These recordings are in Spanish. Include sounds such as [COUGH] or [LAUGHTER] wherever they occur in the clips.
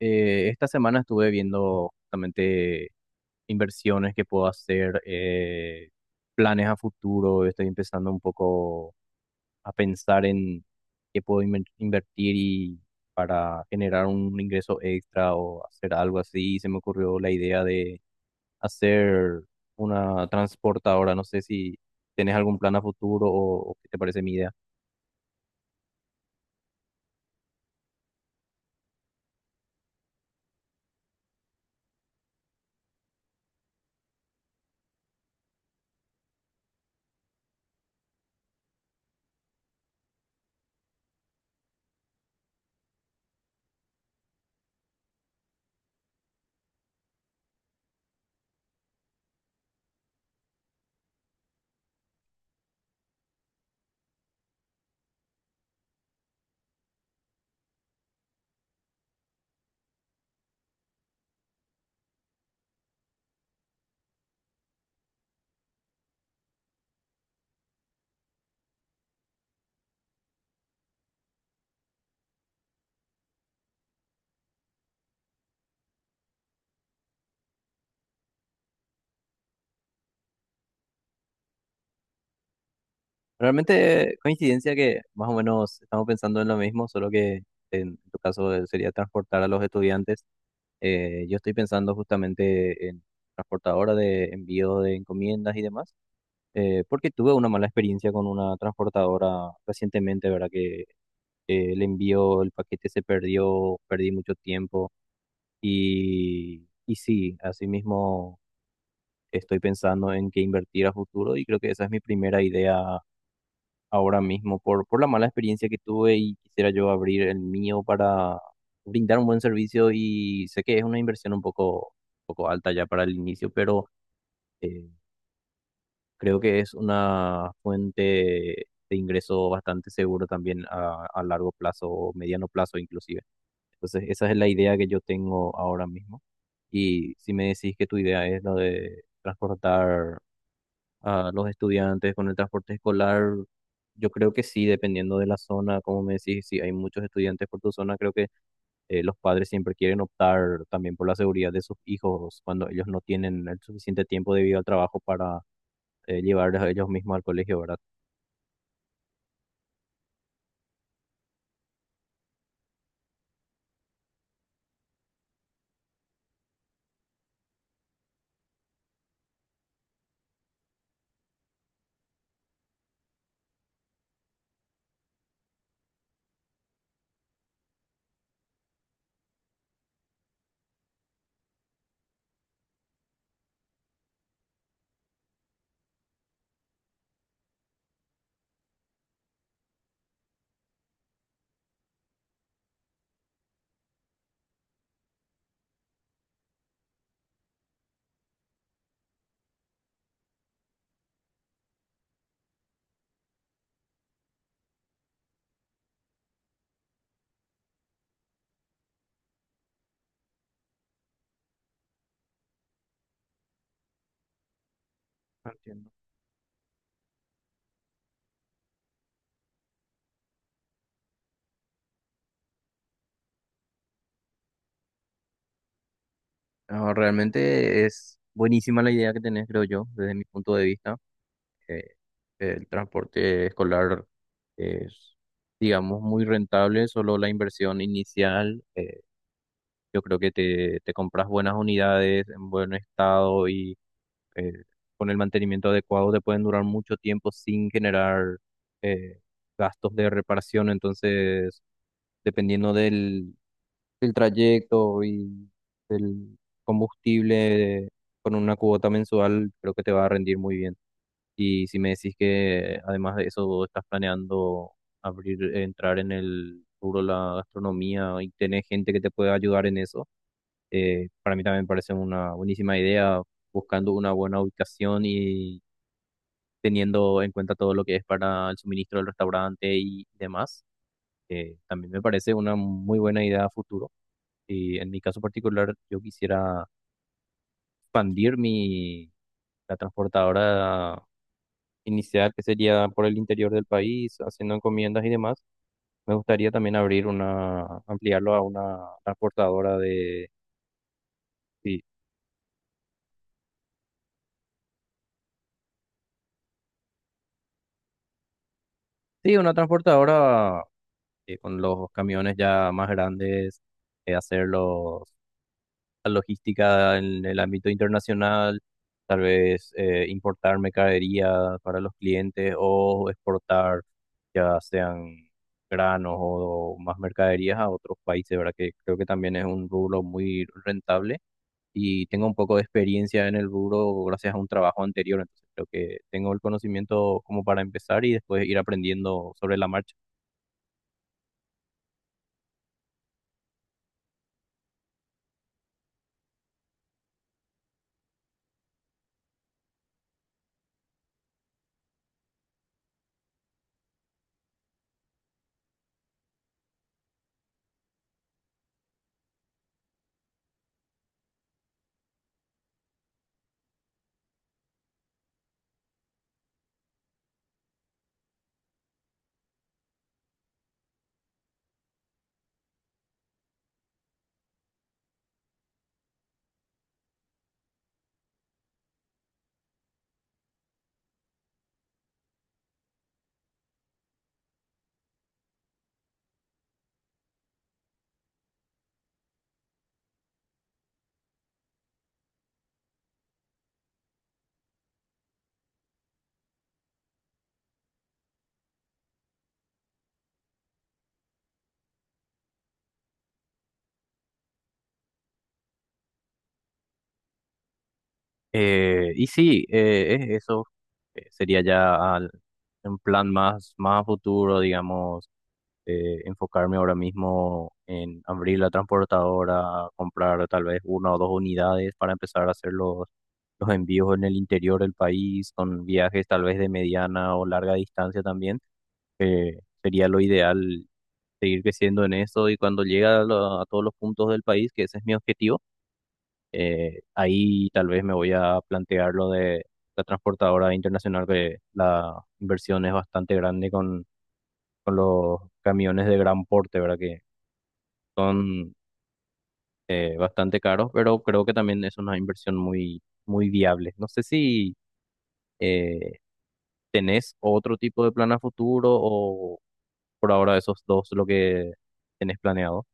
Esta semana estuve viendo justamente inversiones que puedo hacer, planes a futuro. Estoy empezando un poco a pensar en qué puedo invertir y para generar un ingreso extra o hacer algo así. Y se me ocurrió la idea de hacer una transportadora. No sé si tienes algún plan a futuro o qué te parece mi idea. Realmente coincidencia que más o menos estamos pensando en lo mismo, solo que en tu caso sería transportar a los estudiantes. Yo estoy pensando justamente en transportadora de envío de encomiendas y demás, porque tuve una mala experiencia con una transportadora recientemente, ¿verdad? Que el envío, el paquete se perdió, perdí mucho tiempo y sí, asimismo estoy pensando en qué invertir a futuro y creo que esa es mi primera idea ahora mismo por la mala experiencia que tuve y quisiera yo abrir el mío para brindar un buen servicio y sé que es una inversión un poco alta ya para el inicio, pero eh, creo que es una fuente de ingreso bastante seguro también a largo plazo o mediano plazo inclusive. Entonces, esa es la idea que yo tengo ahora mismo. Y si me decís que tu idea es lo de transportar a los estudiantes con el transporte escolar. Yo creo que sí, dependiendo de la zona, como me decís, si hay muchos estudiantes por tu zona, creo que los padres siempre quieren optar también por la seguridad de sus hijos cuando ellos no tienen el suficiente tiempo debido al trabajo para llevarles a ellos mismos al colegio, ¿verdad? Entiendo. No, realmente es buenísima la idea que tenés, creo yo, desde mi punto de vista. Eh, el transporte escolar es, digamos, muy rentable, solo la inversión inicial. Yo creo que te compras buenas unidades en buen estado y eh, con el mantenimiento adecuado te pueden durar mucho tiempo sin generar eh, gastos de reparación. Entonces, dependiendo del trayecto y del combustible con una cuota mensual, creo que te va a rendir muy bien. Y si me decís que además de eso vos estás planeando abrir, entrar en el rubro de la gastronomía y tenés gente que te pueda ayudar en eso. Para mí también parece una buenísima idea buscando una buena ubicación y teniendo en cuenta todo lo que es para el suministro del restaurante y demás. También me parece una muy buena idea a futuro. Y en mi caso particular, yo quisiera expandir la transportadora inicial, que sería por el interior del país, haciendo encomiendas y demás. Me gustaría también abrir una, ampliarlo a una transportadora de... Sí, sí, una transportadora con los camiones ya más grandes, hacer la logística en el ámbito internacional, tal vez importar mercadería para los clientes o exportar ya sean granos o, más mercaderías a otros países, ¿verdad? Que creo que también es un rubro muy rentable y tengo un poco de experiencia en el rubro gracias a un trabajo anterior, entonces creo que tengo el conocimiento como para empezar y después ir aprendiendo sobre la marcha. Es eso sería ya un plan más, más a futuro, digamos, enfocarme ahora mismo en abrir la transportadora, comprar tal vez una o dos unidades para empezar a hacer los envíos en el interior del país, con viajes tal vez de mediana o larga distancia también. Sería lo ideal seguir creciendo en eso y cuando llegue a, a todos los puntos del país, que ese es mi objetivo. Ahí tal vez me voy a plantear lo de la transportadora internacional, que la inversión es bastante grande con los camiones de gran porte, ¿verdad? Que son bastante caros, pero creo que también es una inversión muy viable. No sé si eh, tenés otro tipo de plan a futuro o por ahora esos dos lo que tenés planeado.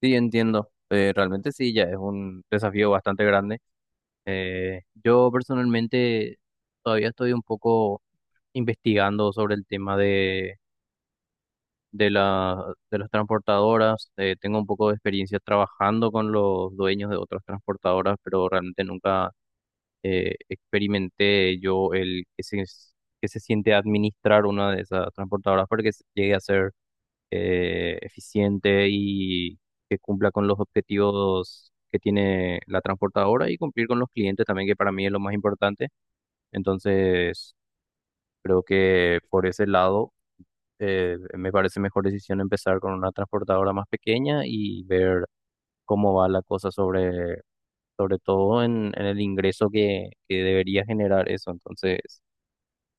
Sí, entiendo. Realmente sí, ya es un desafío bastante grande. Yo personalmente todavía estoy un poco investigando sobre el tema de de las transportadoras. Tengo un poco de experiencia trabajando con los dueños de otras transportadoras, pero realmente nunca experimenté yo el que se siente administrar una de esas transportadoras para que llegue a ser eficiente y que cumpla con los objetivos que tiene la transportadora y cumplir con los clientes también, que para mí es lo más importante. Entonces, creo que por ese lado me parece mejor decisión empezar con una transportadora más pequeña y ver cómo va la cosa sobre todo en el ingreso que debería generar eso. Entonces,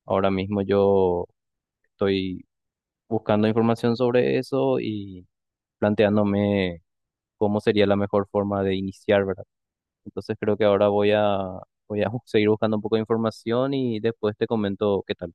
ahora mismo yo estoy buscando información sobre eso y planteándome cómo sería la mejor forma de iniciar, ¿verdad? Entonces, creo que ahora voy a [LAUGHS] seguir buscando un poco de información y después te comento qué tal.